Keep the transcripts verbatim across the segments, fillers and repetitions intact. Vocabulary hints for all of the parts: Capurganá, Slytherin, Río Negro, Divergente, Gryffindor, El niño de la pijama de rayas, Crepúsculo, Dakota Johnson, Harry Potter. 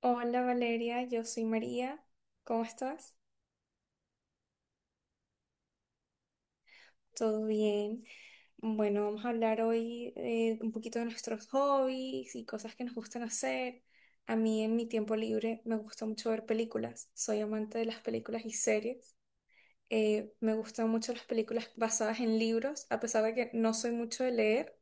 Hola Valeria, yo soy María. ¿Cómo estás? ¿Todo bien? Bueno, vamos a hablar hoy eh, un poquito de nuestros hobbies y cosas que nos gustan hacer. A mí en mi tiempo libre me gusta mucho ver películas. Soy amante de las películas y series. Eh, me gustan mucho las películas basadas en libros, a pesar de que no soy mucho de leer.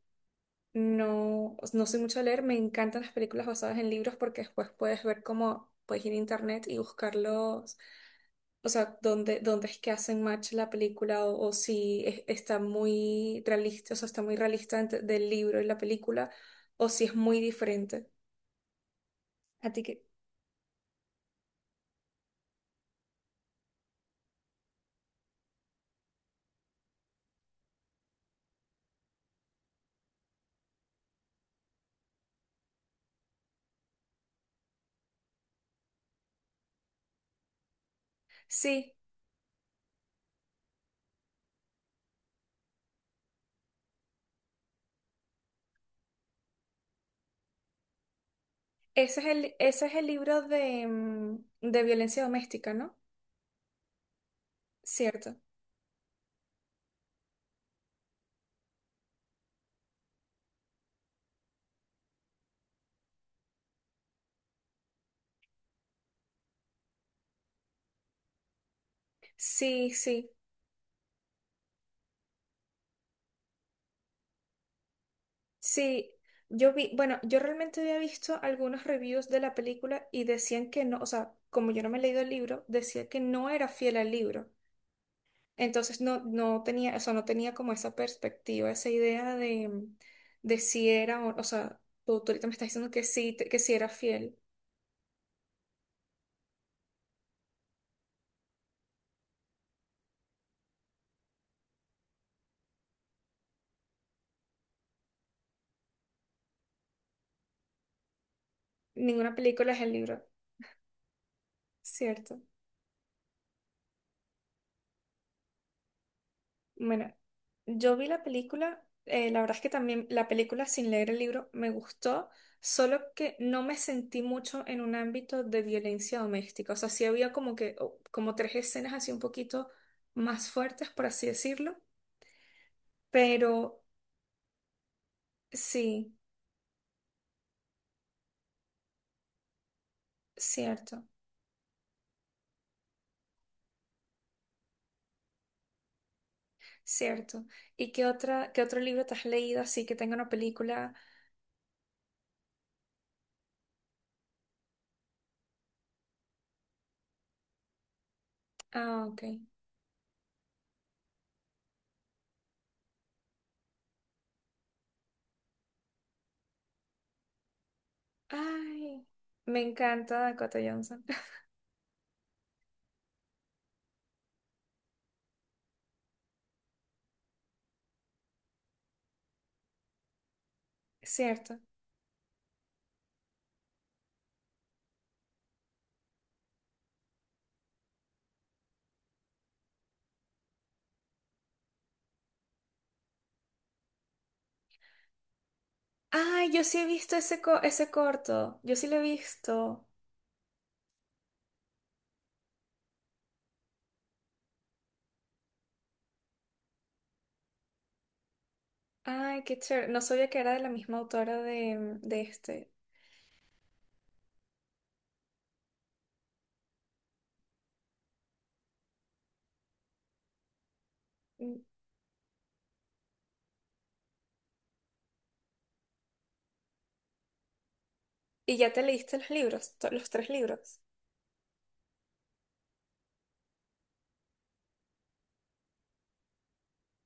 No, no soy mucho a leer, me encantan las películas basadas en libros porque después puedes ver cómo puedes ir a internet y buscarlos, o sea, dónde, dónde es que hacen match la película o, o si es- está muy realista, o sea, está muy realista entre- del libro y la película o si es muy diferente. ¿A ti qué? Sí, ese es el, ese es el libro de, mm, de violencia doméstica, ¿no? Cierto. Sí, sí. Sí, yo vi, bueno, yo realmente había visto algunos reviews de la película y decían que no, o sea, como yo no me he leído el libro, decía que no era fiel al libro. Entonces no, no tenía, eso no tenía como esa perspectiva, esa idea de, de si era, o, o sea, tú, tú ahorita me estás diciendo que sí, te- que sí era fiel. Ninguna película es el libro, ¿cierto? Bueno, yo vi la película, eh, la verdad es que también la película sin leer el libro me gustó, solo que no me sentí mucho en un ámbito de violencia doméstica. O sea, sí había como que, o- como tres escenas así un poquito más fuertes, por así decirlo, pero sí, cierto, cierto. ¿Y qué otra, qué otro libro te has leído así que tenga una película? Ah, ok. Ay, me encanta Dakota Johnson. Cierto. Ay, yo sí he visto ese, co- ese corto. Yo sí lo he visto. Ay, qué chévere. No sabía que era de la misma autora de, mm, de este. Mm, ¿y ya te leíste los libros? To- Los tres libros.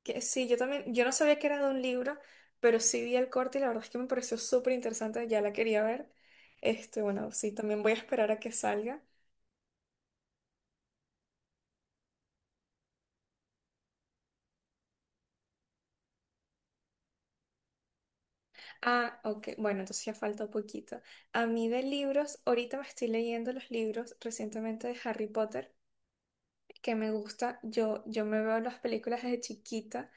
Que sí, yo también. Yo no sabía que era de un libro, pero sí vi el corto y la verdad es que me pareció súper interesante. Ya la quería ver. Este, bueno, sí, también voy a esperar a que salga. Ah, ok. Bueno, entonces ya falta un poquito. A mí de libros, ahorita me estoy leyendo los libros recientemente de Harry Potter. Que me gusta. Yo, yo me veo las películas desde chiquita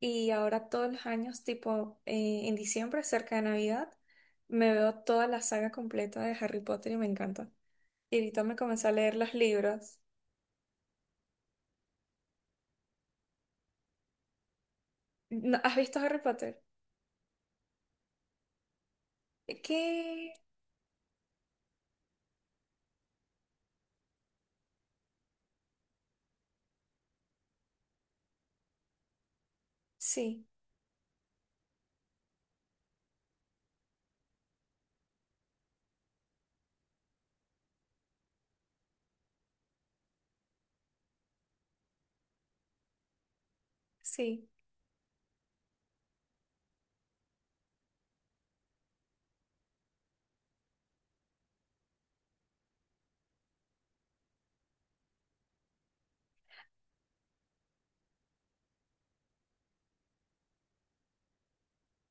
y ahora todos los años, tipo eh, en diciembre, cerca de Navidad, me veo toda la saga completa de Harry Potter y me encanta. Y ahorita me comencé a leer los libros. ¿No- ¿Has visto Harry Potter? Eh, ¿Qué? Sí, sí.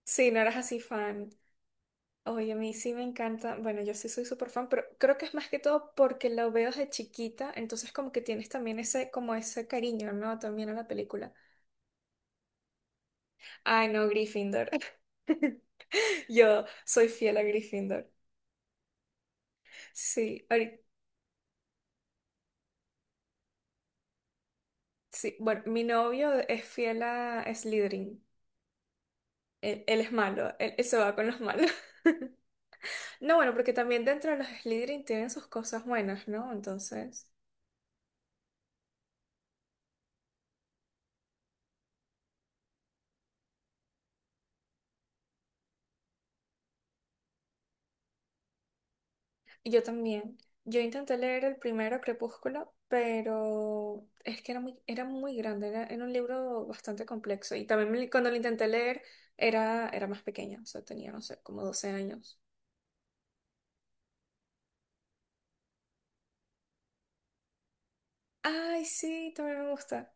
Sí, no eras así fan. Oye, a mí sí me encanta. Bueno, yo sí soy súper fan, pero creo que es más que todo porque lo veo desde chiquita, entonces como que tienes también ese, como ese cariño, ¿no? También a la película. Ay, no, Gryffindor. Yo soy fiel a Gryffindor. Sí, ahori- sí. Bueno, mi novio es fiel a Slytherin. Él, él es malo, él, él se va con los malos. No, bueno, porque también dentro de los Slytherin tienen sus cosas buenas, ¿no? Entonces, yo también. Yo intenté leer el primero Crepúsculo, pero es que era muy, era muy grande, era, era un libro bastante complejo. Y también me- cuando lo intenté leer era, era más pequeña, o sea, tenía, no sé, como doce años. Ay, sí, también me gusta.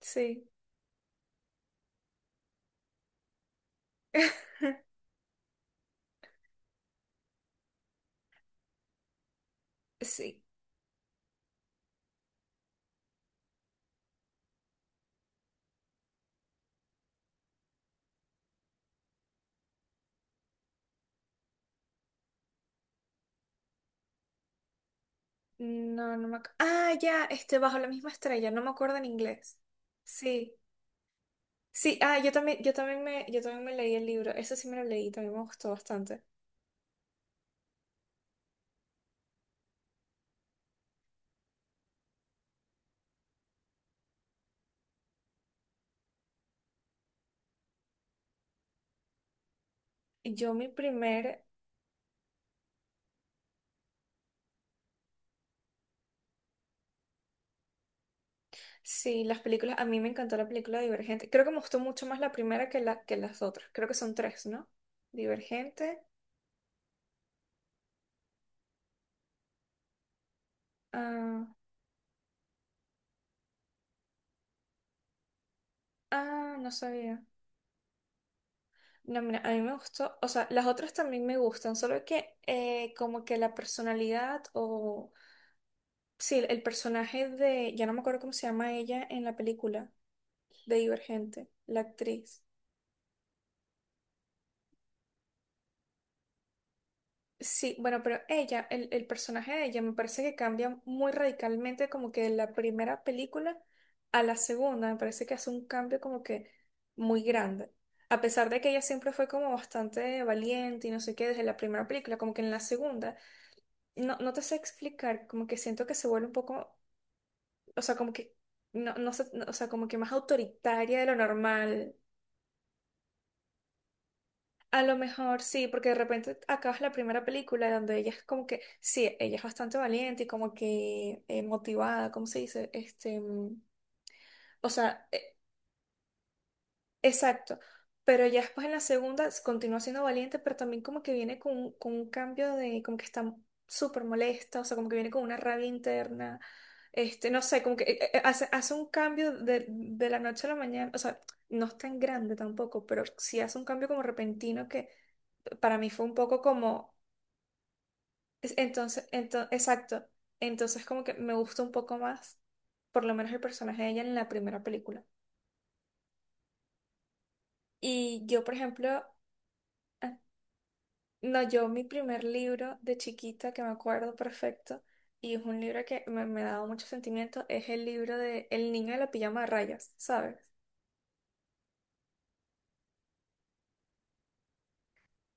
Sí. Sí. No, no me acuerdo. Ah, ya, este, bajo la misma estrella, no me acuerdo en inglés. Sí. Sí, ah, yo también, yo también me, yo también me leí el libro. Eso sí me lo leí, también me gustó bastante. Yo mi primer, sí, las películas, a mí me encantó la película Divergente. Creo que me gustó mucho más la primera que la, que las otras. Creo que son tres, ¿no? Divergente. Ah, ah, no sabía. No, mira, a mí me gustó, o sea, las otras también me gustan, solo que eh, como que la personalidad o, sí, el personaje de, ya no me acuerdo cómo se llama ella en la película, de Divergente, la actriz. Sí, bueno, pero ella, el, el personaje de ella me parece que cambia muy radicalmente como que de la primera película a la segunda, me parece que hace un cambio como que muy grande. A pesar de que ella siempre fue como bastante valiente y no sé qué desde la primera película, como que en la segunda. No, no te sé explicar, como que siento que se vuelve un poco, o sea, como que, no, no sé, no, o sea, como que más autoritaria de lo normal. A lo mejor sí, porque de repente acabas la primera película donde ella es como que, sí, ella es bastante valiente y como que eh, motivada, ¿cómo se dice? Este, mm, o sea, exacto, pero ya después en la segunda s- continúa siendo valiente, pero también como que viene con, un- con un cambio de, como que está súper molesta, o sea, como que viene con una rabia interna, este, no sé, como que eh, eh, hace, hace un cambio de, de la noche a la mañana, o sea, no es tan grande tampoco, pero sí hace un cambio como repentino que para mí fue un poco como, es- entonces, ento- exacto, entonces como que me gusta un poco más, por lo menos el personaje de ella en la primera película. Y yo, por ejemplo... No, yo mi primer libro de chiquita que me acuerdo perfecto y es un libro que me, me ha dado mucho sentimiento es el libro de El niño de la pijama de rayas, ¿sabes?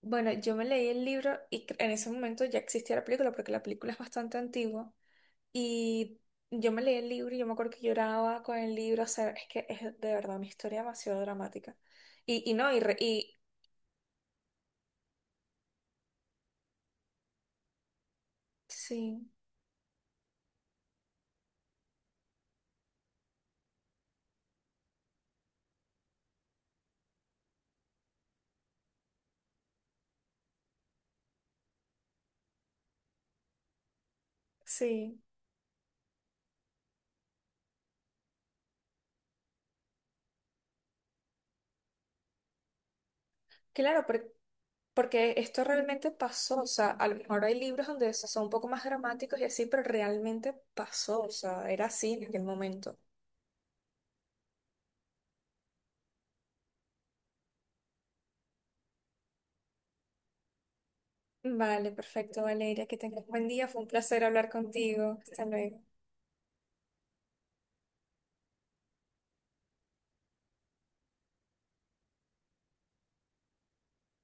Bueno, yo me leí el libro y cre- en ese momento ya existía la película porque la película es bastante antigua y yo me leí el libro y yo me acuerdo que lloraba con el libro, o sea, es que es de verdad una historia demasiado dramática. Y, y no, y, re- y sí, sí. Claro, porque esto realmente pasó, o sea, a lo mejor hay libros donde son un poco más dramáticos y así, pero realmente pasó, o sea, era así en aquel momento. Vale, perfecto, Valeria, que tengas un buen día, fue un placer hablar contigo. Hasta luego.